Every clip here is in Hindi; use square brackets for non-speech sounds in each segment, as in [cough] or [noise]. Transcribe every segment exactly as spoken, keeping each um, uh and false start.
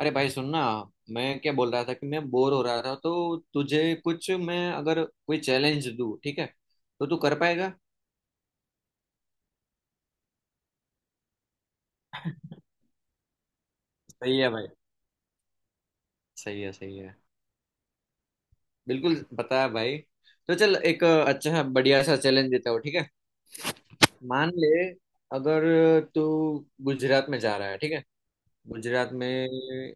अरे भाई सुनना। मैं क्या बोल रहा था कि मैं बोर हो रहा था, तो तुझे कुछ, मैं अगर कोई चैलेंज दूं, ठीक है? तो तू कर पाएगा? सही है भाई। सही है, सही है। बिल्कुल बताया भाई। तो चल, एक अच्छा बढ़िया सा चैलेंज देता हूँ, ठीक है। मान ले, अगर तू गुजरात में जा रहा है, ठीक है। गुजरात में अ,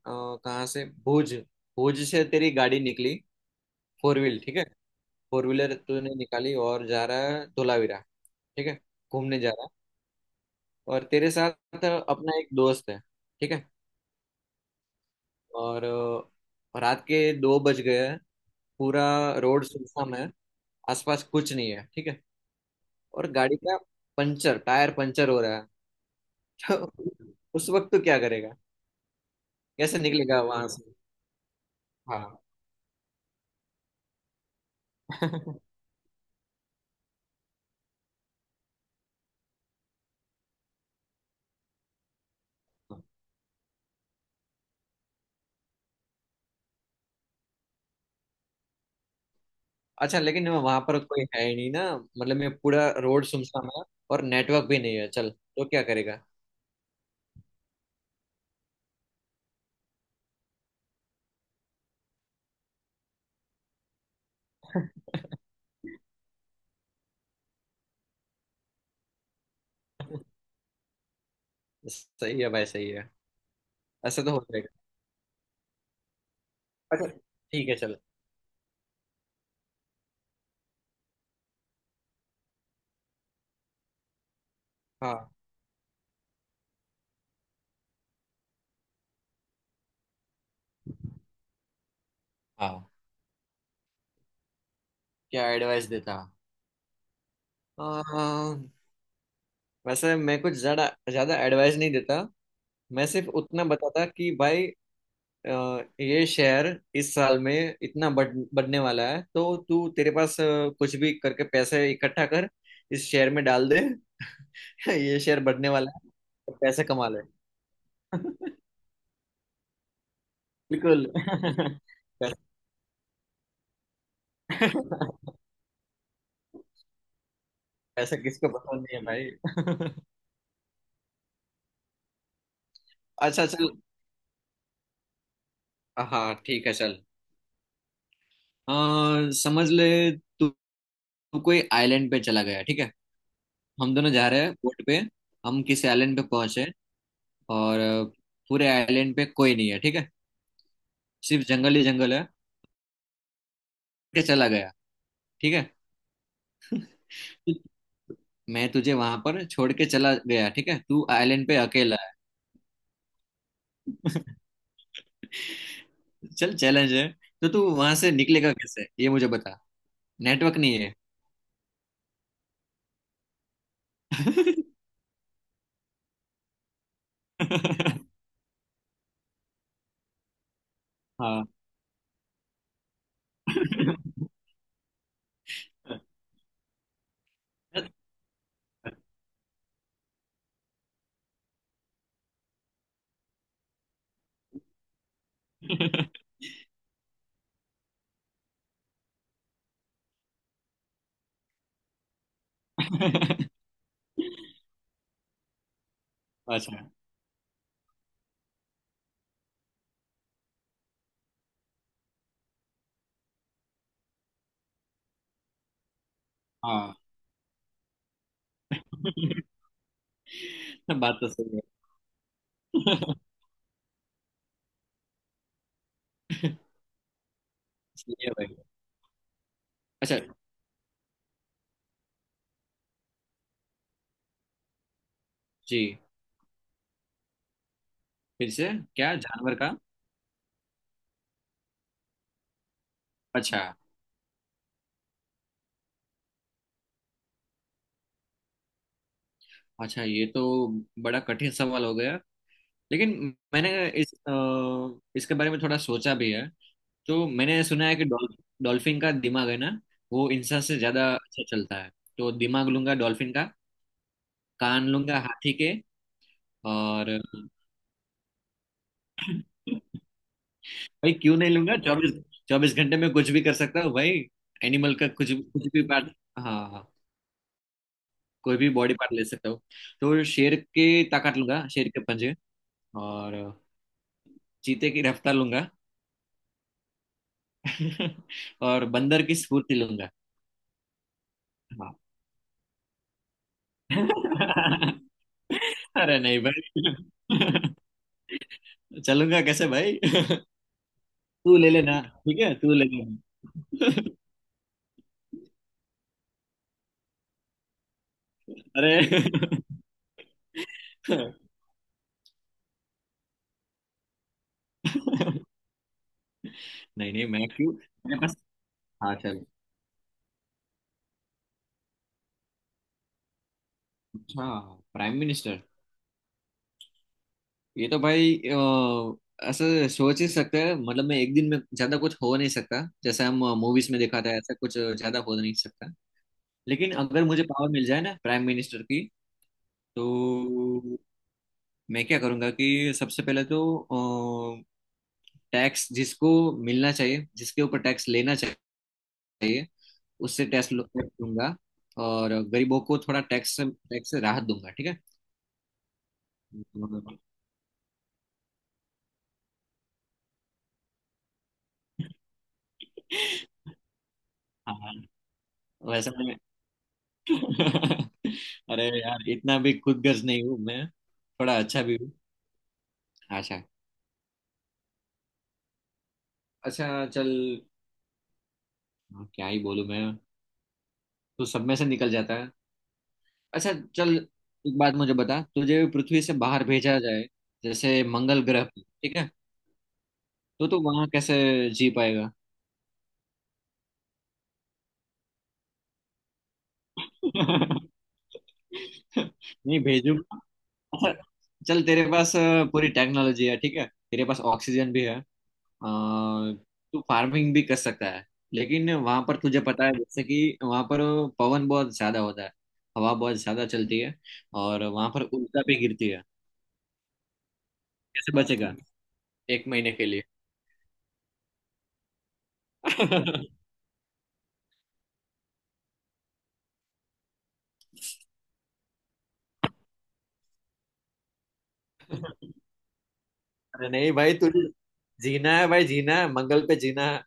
कहाँ से, भुज। भुज से तेरी गाड़ी निकली। फोर व्हील, ठीक है। फोर व्हीलर तूने निकाली और जा रहा है धोलावीरा। ठीक है। घूमने जा रहा है। और तेरे साथ अपना एक दोस्त है, ठीक है। और अ, रात के दो बज गए हैं। पूरा रोड सुनसान है। आसपास कुछ नहीं है, ठीक है। और गाड़ी का पंचर, टायर पंचर हो रहा है। [laughs] तो उस वक्त तो क्या करेगा? कैसे निकलेगा वहां से? हाँ। [laughs] अच्छा, लेकिन वहां पर कोई है ही नहीं ना, मतलब मैं, पूरा रोड सुनसान है। और नेटवर्क भी नहीं है, चल तो क्या करेगा? [laughs] सही है भाई, सही है। ऐसा तो हो जाएगा। अच्छा, ठीक है, चल। हाँ हाँ। क्या एडवाइस देता? आ, वैसे मैं कुछ ज्यादा ज्यादा एडवाइस नहीं देता। मैं सिर्फ उतना बताता कि भाई, अ, ये शेयर इस साल में इतना बढ़ बढ़ने वाला है, तो तू तेरे पास अ, कुछ भी करके पैसे इकट्ठा कर, इस शेयर में डाल दे। [laughs] ये शेयर बढ़ने वाला है तो पैसे कमा ले। [laughs] बिल्कुल। [laughs] पैसे। [laughs] पैसे किसको पसंद नहीं है भाई? [laughs] अच्छा चल। हाँ ठीक है चल। अ, समझ ले, तू तू कोई आइलैंड पे चला गया, ठीक है। हम दोनों जा रहे हैं बोट पे। हम किसी आइलैंड पे पहुंचे। और अ, पूरे आइलैंड पे कोई नहीं है, ठीक है। सिर्फ जंगल ही जंगल है। के चला गया, ठीक है। तु- मैं तुझे वहां पर छोड़ के चला गया, ठीक है, तू आइलैंड पे अकेला है। [laughs] चल, चैलेंज है। तो तू वहां से निकलेगा कैसे, ये मुझे बता। नेटवर्क नहीं है। [laughs] हाँ। [laughs] [laughs] अच्छा। हाँ [laughs] बात तो सही है। [laughs] सही है भाई। अच्छा। जी? फिर से? क्या जानवर का? अच्छा अच्छा, ये तो बड़ा कठिन सवाल हो गया। लेकिन मैंने इस अ, इसके बारे में थोड़ा सोचा भी है। तो मैंने सुना है कि डॉल, डॉल्फिन का दिमाग है ना, वो इंसान से ज्यादा अच्छा चलता है। तो दिमाग लूंगा डॉल्फिन का। कान लूंगा हाथी के। और [clears throat] [laughs] भाई क्यों नहीं लूंगा? चौबीस चौबीस घंटे में कुछ भी कर सकता हूँ भाई। एनिमल का कुछ कुछ भी पार्ट। हाँ हाँ। कोई भी बॉडी पार्ट ले सकता हूँ। तो शेर की ताकत लूंगा, शेर के पंजे। और चीते की रफ्तार लूंगा। [laughs] और बंदर की स्फूर्ति लूंगा। हाँ [laughs] अरे नहीं भाई। [laughs] चलूंगा कैसे भाई? [laughs] तू ले लेना। ठीक है, तू ले लेना। [laughs] अरे। [laughs] नहीं नहीं, मैं क्यों? मेरे पास। हाँ चल। अच्छा, प्राइम मिनिस्टर। ये तो भाई अ, ऐसे सोच ही सकते हैं, मतलब मैं एक दिन में ज्यादा कुछ हो नहीं सकता, जैसे हम मूवीज में दिखाते हैं ऐसा कुछ ज्यादा हो नहीं सकता। लेकिन अगर मुझे पावर मिल जाए ना प्राइम मिनिस्टर की, तो मैं क्या करूंगा कि सबसे पहले तो टैक्स जिसको मिलना चाहिए, जिसके ऊपर टैक्स लेना चाहिए, उससे टैक्स लो- टैक्स लूंगा, और गरीबों को थोड़ा टैक्स से टैक्स से राहत दूंगा, ठीक है। [laughs] हाँ वैसे मैं। [laughs] अरे यार, इतना भी खुद गर्ज नहीं हूँ मैं। थोड़ा अच्छा भी हूँ। अच्छा अच्छा चल। क्या ही बोलूँ मैं? तू सब में से निकल जाता है। अच्छा चल। एक बात मुझे बता, तुझे पृथ्वी से बाहर भेजा जाए, जैसे मंगल ग्रह पे, ठीक है। तो तू वहां कैसे जी पाएगा? [laughs] नहीं भेजूंगा। अच्छा चल, तेरे पास अ, पूरी टेक्नोलॉजी है, ठीक है। तेरे पास ऑक्सीजन भी है। अ, तू फार्मिंग भी कर सकता है। लेकिन वहां पर तुझे पता है, जैसे कि वहां पर पवन बहुत ज्यादा होता है, हवा बहुत ज्यादा चलती है, और वहां पर उल्टा भी गिरती है। कैसे बचेगा? एक महीने के लिए। [laughs] अरे नहीं भाई, तुझे जीना है भाई, जीना है, मंगल पे जीना है।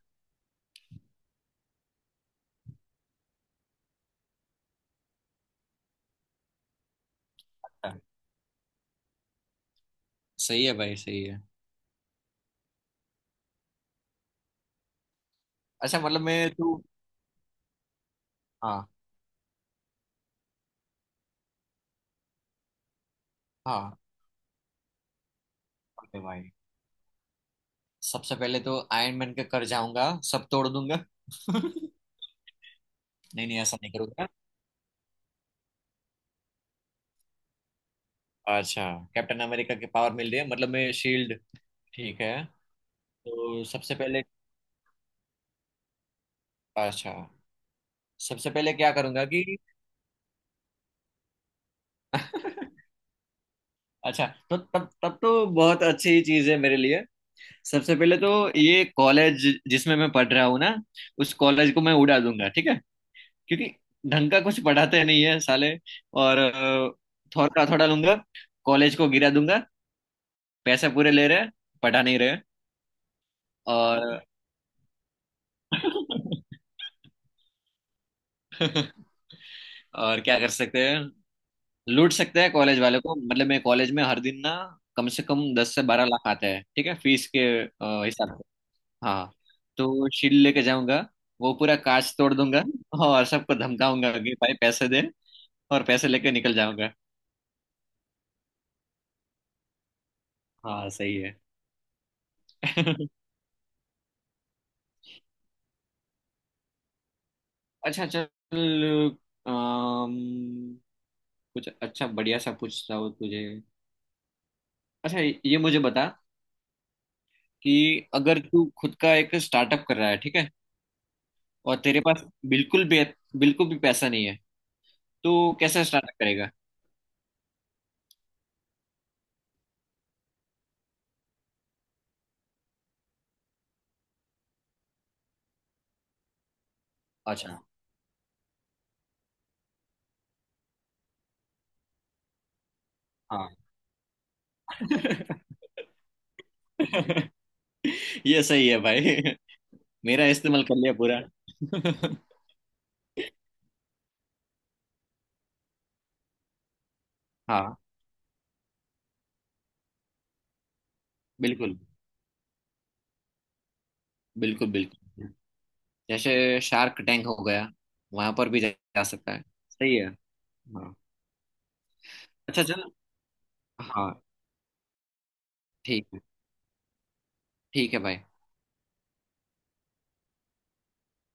सही है भाई, सही है। अच्छा, मतलब मैं, तू। हाँ हाँ। ओके भाई, सबसे पहले तो आयरन मैन के कर जाऊंगा, सब तोड़ दूंगा। [laughs] नहीं। नहीं, ऐसा नहीं करूंगा। अच्छा, कैप्टन अमेरिका की पावर मिल रही है, मतलब मैं शील्ड, ठीक है। तो सबसे पहले। अच्छा, सबसे पहले क्या करूंगा कि। [laughs] अच्छा, तो तब तब तो बहुत अच्छी चीज है मेरे लिए। सबसे पहले तो ये कॉलेज जिसमें मैं पढ़ रहा हूँ ना, उस कॉलेज को मैं उड़ा दूंगा, ठीक है। क्योंकि ढंग का कुछ पढ़ाते नहीं है साले। और अ, थोड़ा थोड़ा लूंगा। कॉलेज को गिरा दूंगा। पैसे पूरे ले रहे, पढ़ा नहीं रहे। और [laughs] और क्या कर सकते हैं? लूट सकते हैं कॉलेज वाले को, मतलब मैं कॉलेज में हर दिन ना कम से कम दस से बारह लाख आते हैं, ठीक है, फीस के अ, हिसाब से। हाँ हाँ। तो शील्ड लेके जाऊंगा, वो पूरा कांच तोड़ दूंगा, और सबको धमकाऊंगा कि भाई पैसे दे, और पैसे लेके निकल जाऊंगा। हाँ सही है। [laughs] अच्छा चल। अम, कुछ अच्छा बढ़िया सा पूछता हूँ तुझे। अच्छा, ये मुझे बता कि अगर तू खुद का एक स्टार्टअप कर रहा है, ठीक है, और तेरे पास बिल्कुल भी बिल्कुल भी पैसा नहीं है, तो कैसे स्टार्टअप करेगा? अच्छा। हाँ। [laughs] ये सही है भाई, मेरा इस्तेमाल कर लिया पूरा। [laughs] हाँ बिल्कुल, बिल्कुल बिल्कुल। जैसे शार्क टैंक हो गया, वहां पर भी जा जा सकता है। सही है। हाँ, अच्छा चल। हाँ ठीक है। ठीक है भाई।